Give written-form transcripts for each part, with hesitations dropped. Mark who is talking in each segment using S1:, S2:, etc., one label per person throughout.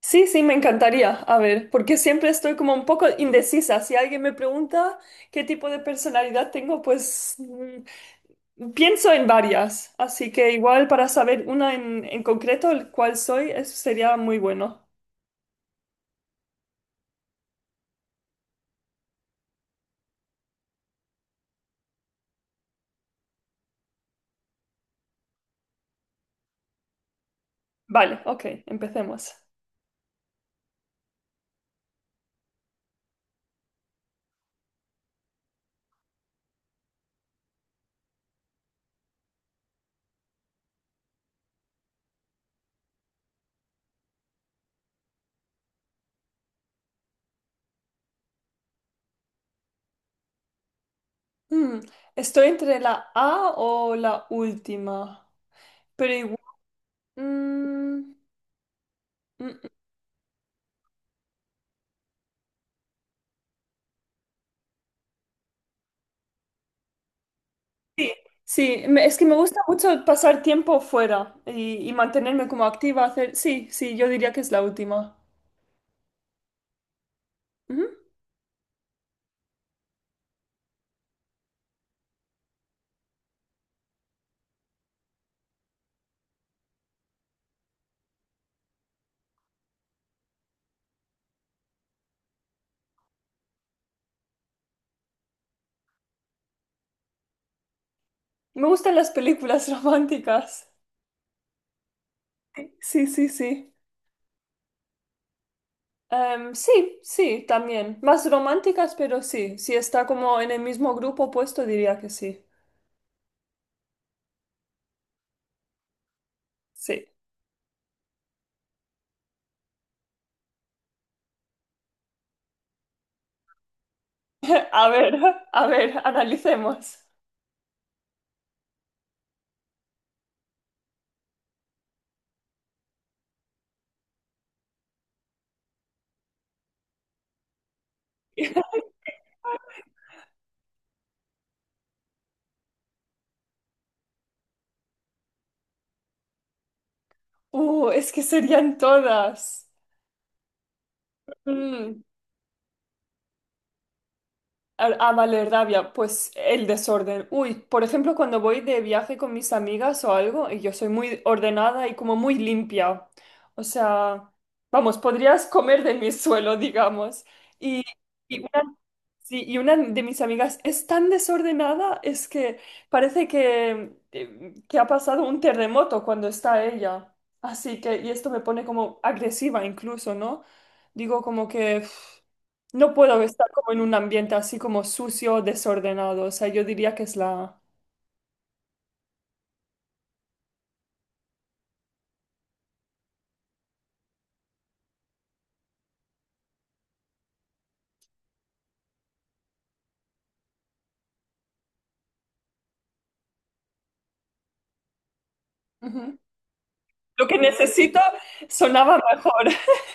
S1: Sí, sí, me encantaría. A ver, porque siempre estoy como un poco indecisa. Si alguien me pregunta qué tipo de personalidad tengo, pues pienso en varias. Así que igual para saber una en concreto, el cuál soy, eso sería muy bueno. Vale, ok, empecemos. Mm, Estoy entre la A o la última, pero igual... mm, mm, mm. Sí, es que me gusta mucho pasar tiempo fuera y mantenerme como activa, hacer... Sí, sí, yo diría que es la última. Ujú. Me gustan las películas románticas. Sí, sí, sí. Sí, sí, también. Más románticas, pero sí. Si está como en el mismo grupo puesto diría que sí. Sí. A ver, a ver, analicemos. Es que serían todas. Mm. A Valerrabia, pues el desorden. Uy, por ejemplo, cuando voy de viaje con mis amigas o algo, y yo soy muy ordenada y como muy limpia. O sea, vamos, podrías comer de mi suelo, digamos. Y, y sí, y una de mis amigas es tan desordenada, es que parece que que ha pasado un terremoto cuando está ella. Así que, y esto me pone como agresiva incluso, ¿no? Digo como que uf, no puedo estar como en un ambiente así como sucio, desordenado. O sea, yo diría que es la... Ujú. Lo que necesito sonaba mejor.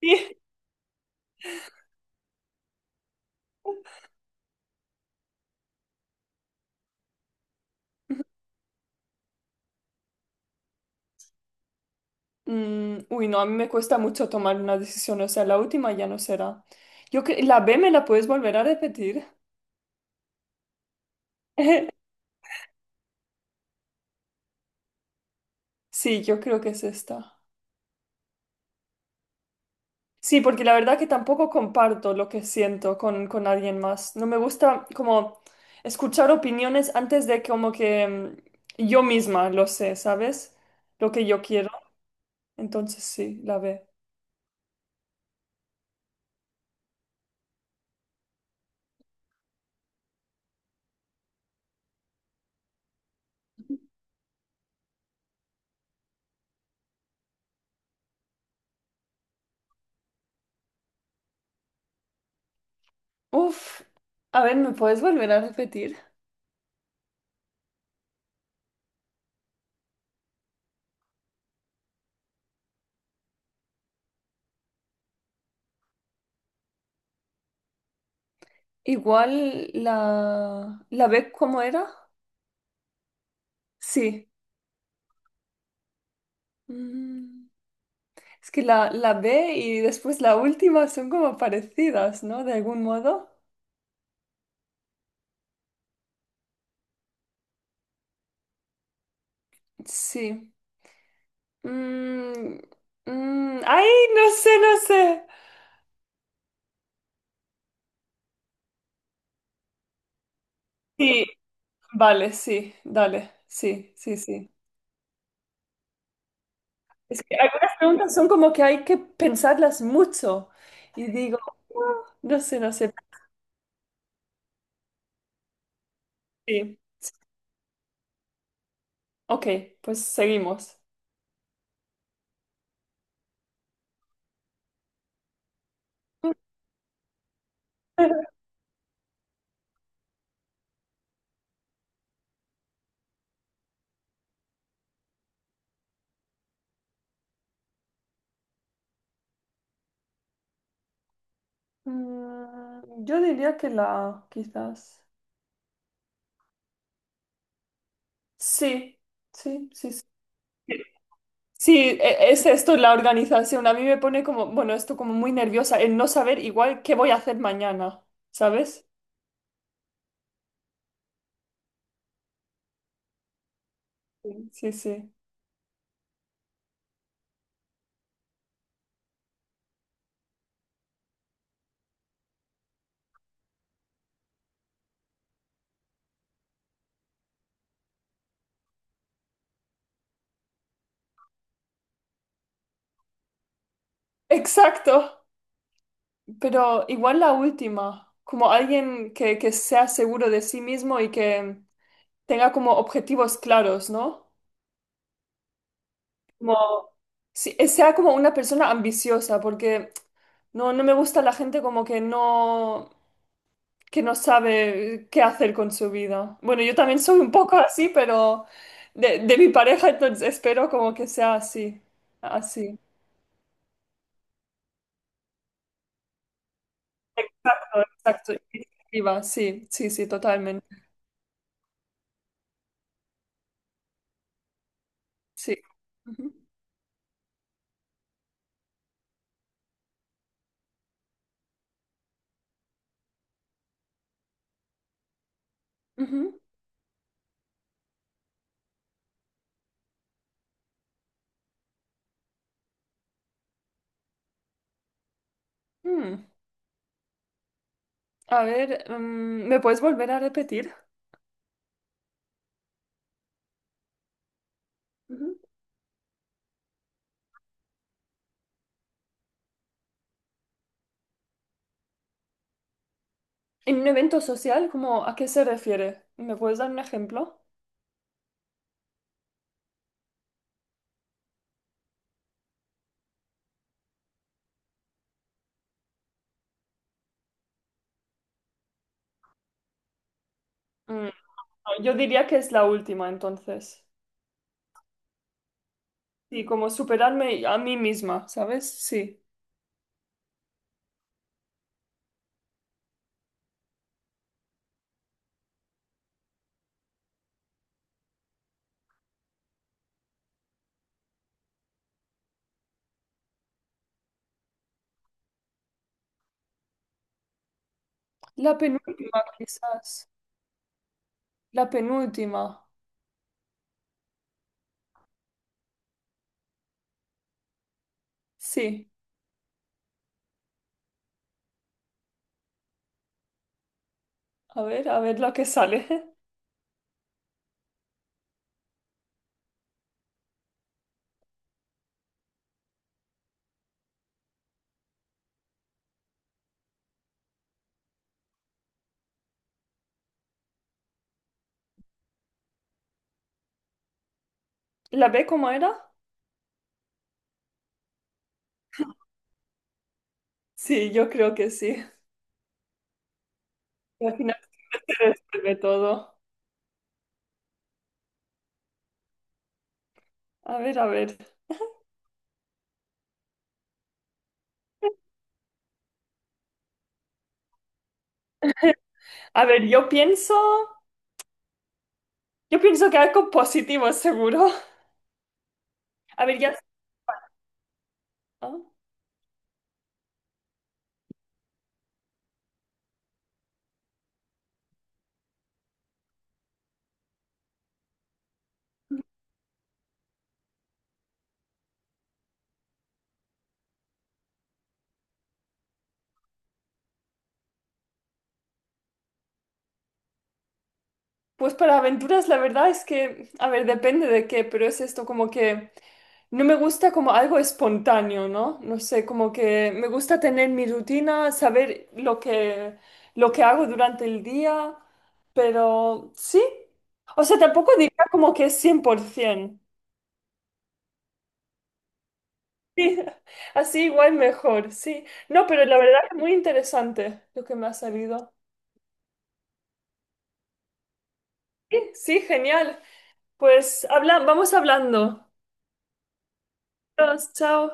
S1: Sí. Uy, no, a mí me cuesta mucho tomar una decisión, o sea, la última ya no será. La B me la puedes volver a repetir. Sí, yo creo que es esta. Sí, porque la verdad que tampoco comparto lo que siento con alguien más. No me gusta como escuchar opiniones antes de como que yo misma lo sé, ¿sabes? Lo que yo quiero. Entonces sí, la B. Uf, a ver, ¿me puedes volver a repetir? Igual la B, ¿cómo era? Sí. Mm. Es que la B y después la última son como parecidas, ¿no? De algún modo. Sí. Mm, ay, no sé, no sé. Sí, vale, sí, dale, sí, sí, sí. Es que algunas preguntas son como que hay que pensarlas mucho. Y digo, "Ah, no sé, no sé. Sí. Ok, pues seguimos. Yo diría que la, quizás. Sí, sí, sí, sí. Sí, es esto la organización. A mí me pone como, bueno, esto como muy nerviosa, el no saber igual qué voy a hacer mañana, ¿sabes? Sí, sí, sí. Exacto, pero igual la última, como alguien que sea seguro de sí mismo y que tenga como objetivos claros, ¿no? Como, sí, sea como una persona ambiciosa, porque no me gusta la gente como que no, que no sabe qué hacer con su vida. Bueno, yo también soy un poco así, pero de mi pareja, entonces espero como que sea así, así. Exacto, exacto. Iniciativa, sí, sí, sí, totalmente. Sí. Ujú, ujú. Mm. A ver, ¿me puedes volver a repetir? Ujú. En un evento social, ¿cómo, a qué se refiere? ¿Me puedes dar un ejemplo? Mm, no, yo diría que es la última, entonces. Sí, como superarme a mí misma, ¿sabes? Sí. La penúltima, quizás. La penúltima. Sí. A ver lo que sale. ¿La B cómo era? Sí, yo creo que sí. Y al final se resuelve todo. A ver, a ver. A ver, yo pienso. Yo pienso que algo positivo, seguro. A ver, ya. ¿Ah? Pues para aventuras la verdad es que, a ver, depende de qué, pero es esto como que no me gusta como algo espontáneo, ¿no? No sé, como que me gusta tener mi rutina, saber lo que hago durante el día, pero sí. O sea, tampoco diría como que es 100%. Sí, así igual mejor, sí. No, pero la verdad es muy interesante lo que me ha salido. Sí, sí, genial. Pues habla, vamos hablando. Adiós, chao.